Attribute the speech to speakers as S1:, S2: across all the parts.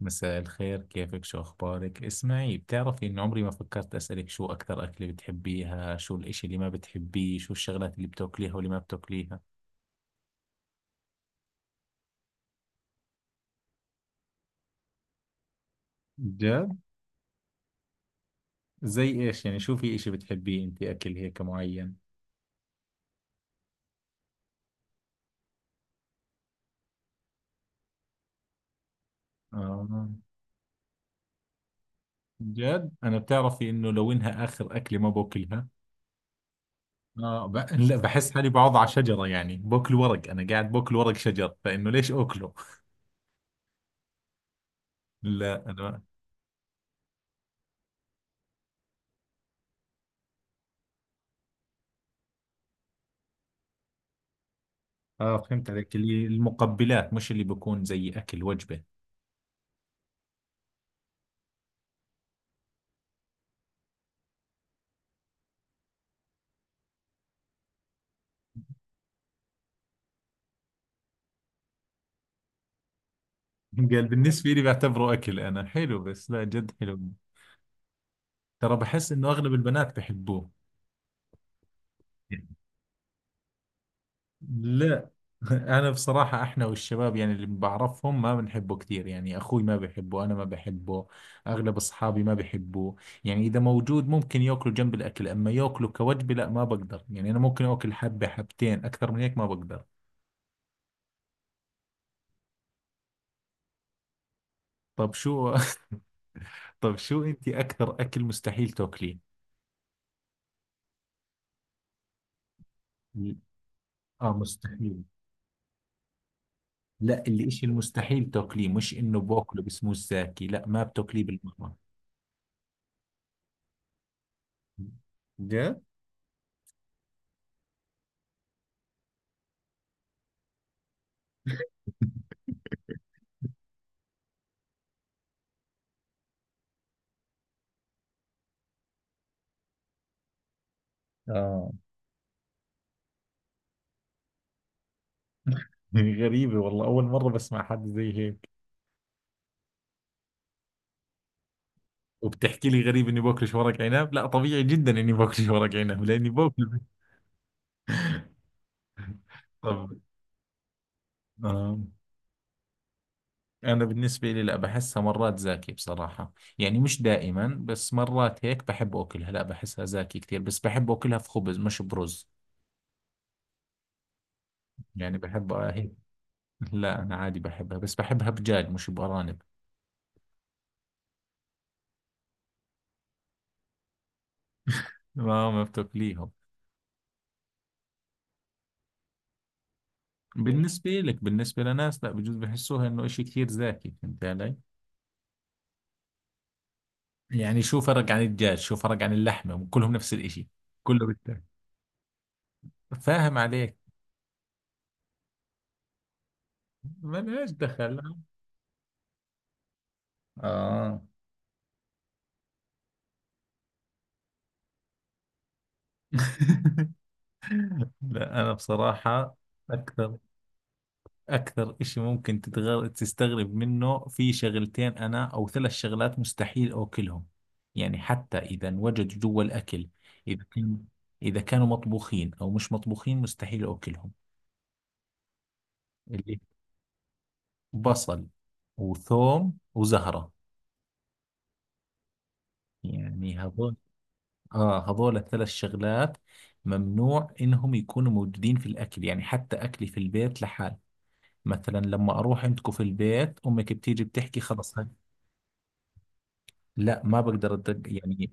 S1: مساء الخير، كيفك؟ شو أخبارك؟ اسمعي، بتعرفي إن عمري ما فكرت أسألك شو أكثر أكلة بتحبيها، شو الإشي اللي ما بتحبيه، شو الشغلات اللي بتاكليها واللي ما بتاكليها؟ جد؟ زي إيش يعني؟ شو في إشي بتحبيه أنت، أكل هيك معين؟ آه. جد؟ أنا بتعرفي إنه لو إنها آخر أكلة ما باكلها. آه لا، بحس حالي بقعد على شجرة، يعني باكل ورق، أنا قاعد باكل ورق شجر، فإنه ليش أكله؟ لا أنا. آه فهمت عليك، اللي المقبلات مش اللي بكون زي أكل وجبة. قال بالنسبة لي بعتبره أكل. أنا حلو بس لا جد حلو. ترى بحس إنه أغلب البنات بحبوه. لا. أنا بصراحة إحنا والشباب يعني اللي بعرفهم ما بنحبه كثير، يعني أخوي ما بحبه، أنا ما بحبه. أغلب أصحابي ما بحبوه. يعني إذا موجود ممكن يأكله جنب الأكل، أما يأكله كوجبة لا، ما بقدر. يعني أنا ممكن أكل حبة حبتين، أكثر من هيك ما بقدر. طب شو. طب شو أنت أكثر أكل مستحيل تاكليه؟ آه مستحيل. لا الإشي المستحيل تاكليه، مش إنه باكله بسموه الزاكي لا، ما بتاكليه بالمرة. جد؟ آه. غريبة والله، أول مرة بسمع حد زي هيك. وبتحكي لي غريب إني باكلش ورق عنب، لا طبيعي جدا إني باكلش ورق عنب لأني باكل. طب. آه. أنا بالنسبة لي لا، بحسها مرات زاكي بصراحة. يعني مش دائما بس مرات هيك بحب أكلها، لا بحسها زاكي كثير بس بحب أكلها في خبز مش برز. يعني بحب هيك. لا أنا عادي بحبها بس بحبها بجاج مش بأرانب. ما بتاكليهم؟ بالنسبة لك، بالنسبة لناس لا بجوز بحسوها انه اشي كثير زاكي، فهمت علي؟ يعني شو فرق عن الدجاج، شو فرق عن اللحمة، كلهم نفس الاشي. كله بالتاكل. فاهم عليك. ما ليش دخل. اه. لا انا بصراحة اكثر. أكثر إشي ممكن تستغرب منه في شغلتين أنا أو ثلاث شغلات مستحيل أكلهم. يعني حتى إذا انوجدوا جوا الأكل. إذا كان... إذا كانوا مطبوخين أو مش مطبوخين مستحيل أكلهم. اللي بصل وثوم وزهرة، يعني هذول. آه هذول الثلاث شغلات ممنوع إنهم يكونوا موجودين في الأكل، يعني حتى أكلي في البيت لحال. مثلا لما أروح عندكم في البيت، أمك بتيجي بتحكي خلص هاي. لا ما بقدر أدق يعني.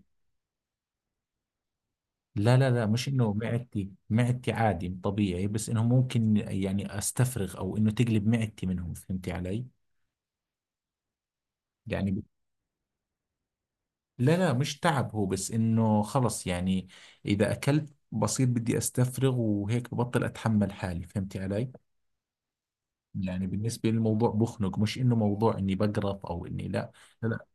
S1: لا لا لا، مش انه معدتي، معدتي عادي طبيعي، بس انه ممكن يعني استفرغ او انه تقلب معدتي منهم، فهمتي علي؟ يعني ب- لا لا، مش تعب هو، بس انه خلص يعني. اذا اكلت بصير بدي استفرغ وهيك ببطل اتحمل حالي، فهمتي علي؟ يعني بالنسبة للموضوع بخنق، مش انه موضوع اني بقرف او اني لا. لا لا.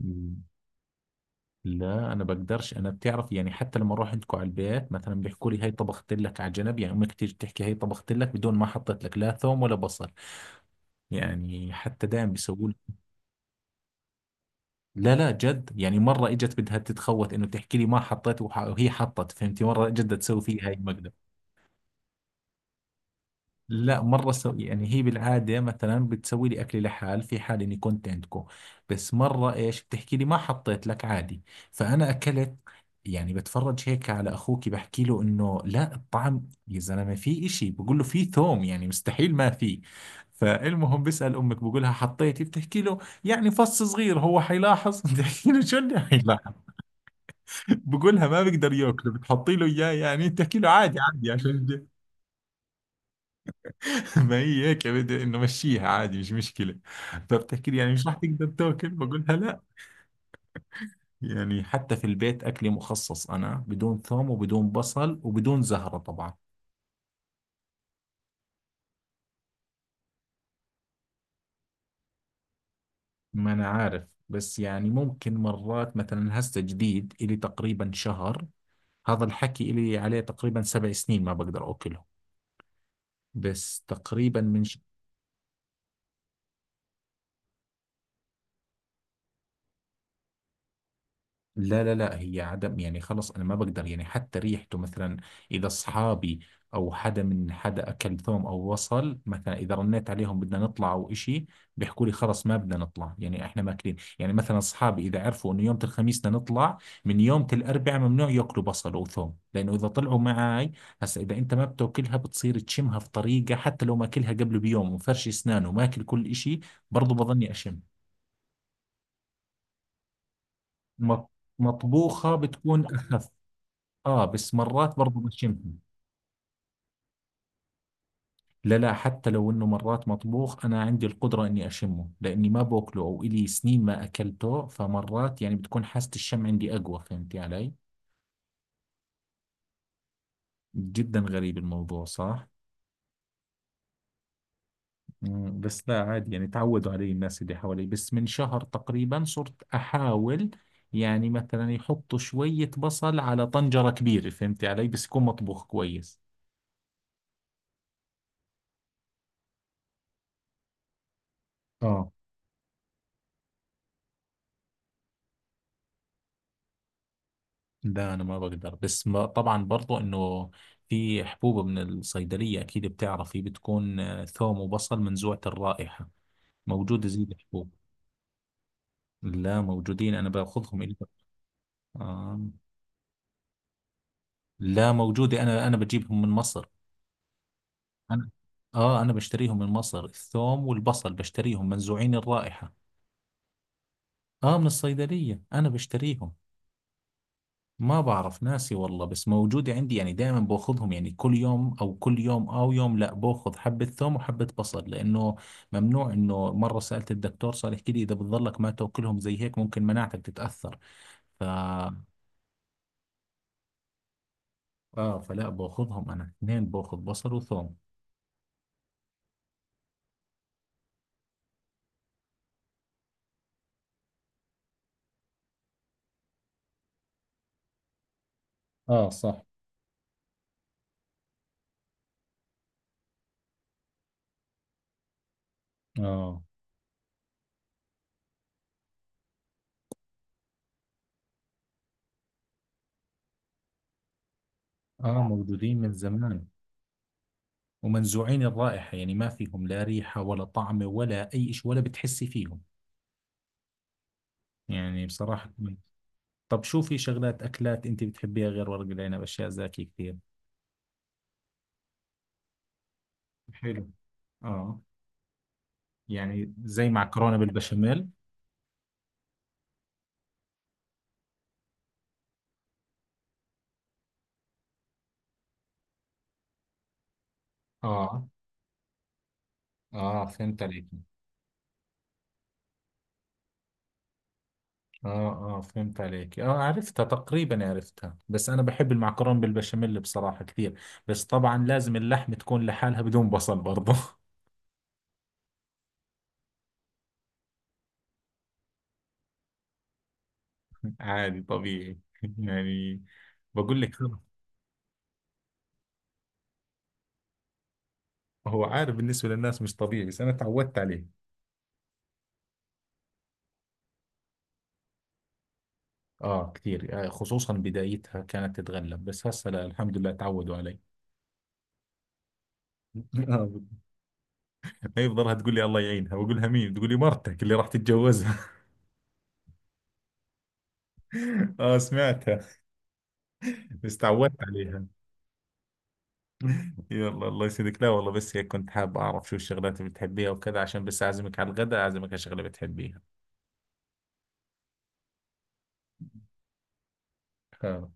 S1: مم. لا انا بقدرش، انا بتعرف يعني حتى لما اروح عندكم على البيت مثلا بيحكوا لي هاي طبخت لك على جنب، يعني امك تيجي تحكي هاي طبخت لك بدون ما حطيت لك لا ثوم ولا بصل. يعني حتى دايم بيسووا لي- لا لا جد يعني، مرة اجت بدها تتخوت انه تحكي لي ما حطيت وهي حطت، فهمتي؟ مرة جد تسوي فيها هاي المقدر. لا مرة سو... يعني هي بالعادة مثلا بتسوي لي أكلي لحال في حال إني كنت عندكم. بس مرة إيش بتحكي لي ما حطيت لك عادي. فأنا أكلت. يعني بتفرج هيك على أخوك بحكي له إنه لا الطعم، يا زلمة في إشي، بقول له في ثوم، يعني مستحيل ما في. فالمهم بسأل أمك بقول لها حطيتي، بتحكي له يعني فص صغير هو حيلاحظ. بتحكي له شو اللي حيلاحظ. بقول لها ما بقدر ياكله، بتحطي له إياه يعني، بتحكي له عادي عادي عشان. ما هي هيك يا، بدي انه مشيها عادي مش مشكله. فبتحكي لي يعني مش رح تقدر تاكل، بقولها لا. يعني حتى في البيت اكلي مخصص انا بدون ثوم وبدون بصل وبدون زهره طبعا. ما انا عارف، بس يعني ممكن مرات مثلا هسه جديد، الي تقريبا شهر. هذا الحكي الي عليه تقريبا 7 سنين ما بقدر اكله. بس تقريبا من لا لا لا، هي عدم يعني خلص، انا ما بقدر. يعني حتى ريحته مثلا، اذا اصحابي او حدا من حدا اكل ثوم او وصل مثلا، اذا رنيت عليهم بدنا نطلع او اشي، بيحكوا لي خلص ما بدنا نطلع، يعني احنا ماكلين. يعني مثلا اصحابي اذا عرفوا انه يوم الخميس بدنا نطلع، من يوم الاربعاء ممنوع ياكلوا بصل او ثوم، لانه اذا طلعوا معاي، هسا اذا انت ما بتاكلها بتصير تشمها في طريقة، حتى لو ماكلها قبل بيوم ومفرش اسنانه وماكل كل اشي، برضه بظني اشم. مط- مطبوخة بتكون اخف. اه بس مرات برضو بشمهم. لا لا، حتى لو انه مرات مطبوخ انا عندي القدرة اني اشمه، لاني ما باكله او الي سنين ما اكلته، فمرات يعني بتكون حاسة الشم عندي اقوى، فهمتي علي؟ جدا غريب الموضوع، صح. مم، بس لا عادي، يعني تعودوا علي الناس اللي حوالي. بس من شهر تقريبا صرت احاول، يعني مثلا يحطوا شوية بصل على طنجرة كبيرة، فهمتي علي، بس يكون مطبوخ كويس. اه. ده انا ما بقدر، بس ما طبعا برضو انه في حبوب من الصيدليه اكيد بتعرفي بتكون آه، ثوم وبصل منزوعه الرائحه، موجوده زي الحبوب. لا موجودين، انا باخذهم الي. آه. لا موجوده، انا بجيبهم من مصر. انا اه، بشتريهم من مصر الثوم والبصل، بشتريهم منزوعين الرائحه. اه من الصيدليه انا بشتريهم. ما بعرف ناسي والله، بس موجودة عندي، يعني دائما باخذهم يعني كل يوم او كل يوم او يوم لا، باخذ حبة ثوم وحبة بصل، لانه ممنوع. انه مرة سألت الدكتور صار يحكي لي اذا بتضلك ما تاكلهم زي هيك ممكن مناعتك تتأثر. ف اه فلا باخذهم انا اثنين، باخذ بصل وثوم. اه صح. اه اه موجودين من زمان، ومنزوعين الرائحة، يعني ما فيهم لا ريحة ولا طعم ولا اي شيء ولا بتحسي فيهم. يعني بصراحة. طب شو في شغلات أكلات أنت بتحبيها غير ورق العنب، أشياء زاكية كثير؟ حلو. آه. يعني زي معكرونة بالبشاميل. اه اه فهمت عليك. آه آه فهمت عليك، آه عرفتها تقريبا، عرفتها، بس أنا بحب المعكرونة بالبشاميل بصراحة كثير. بس طبعا لازم اللحم تكون لحالها بدون بصل برضه. عادي طبيعي، يعني بقول لك. هو عارف بالنسبة للناس مش طبيعي، بس أنا تعودت عليه. آه كثير، آه، خصوصا بدايتها كانت تتغلب، بس هسه لا الحمد لله تعودوا علي. آه، هي بضلها تقول لي الله يعينها، بقول لها مين، تقول لي مرتك اللي راح تتجوزها. آه سمعتها. بس تعودت عليها. يلا الله يسعدك. لا والله بس هيك كنت حاب أعرف شو الشغلات اللي بتحبيها وكذا، عشان بس أعزمك على الغداء، أعزمك على شغلة بتحبيها. خلاص.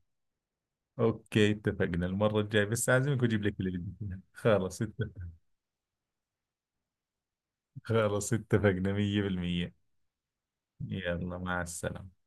S1: أوكي اتفقنا، المرة الجاية بس أعزمك وأجيب لك اللي بدك إياه. خلاص اتفق. خلاص اتفقنا 100%. يلا مع السلامة.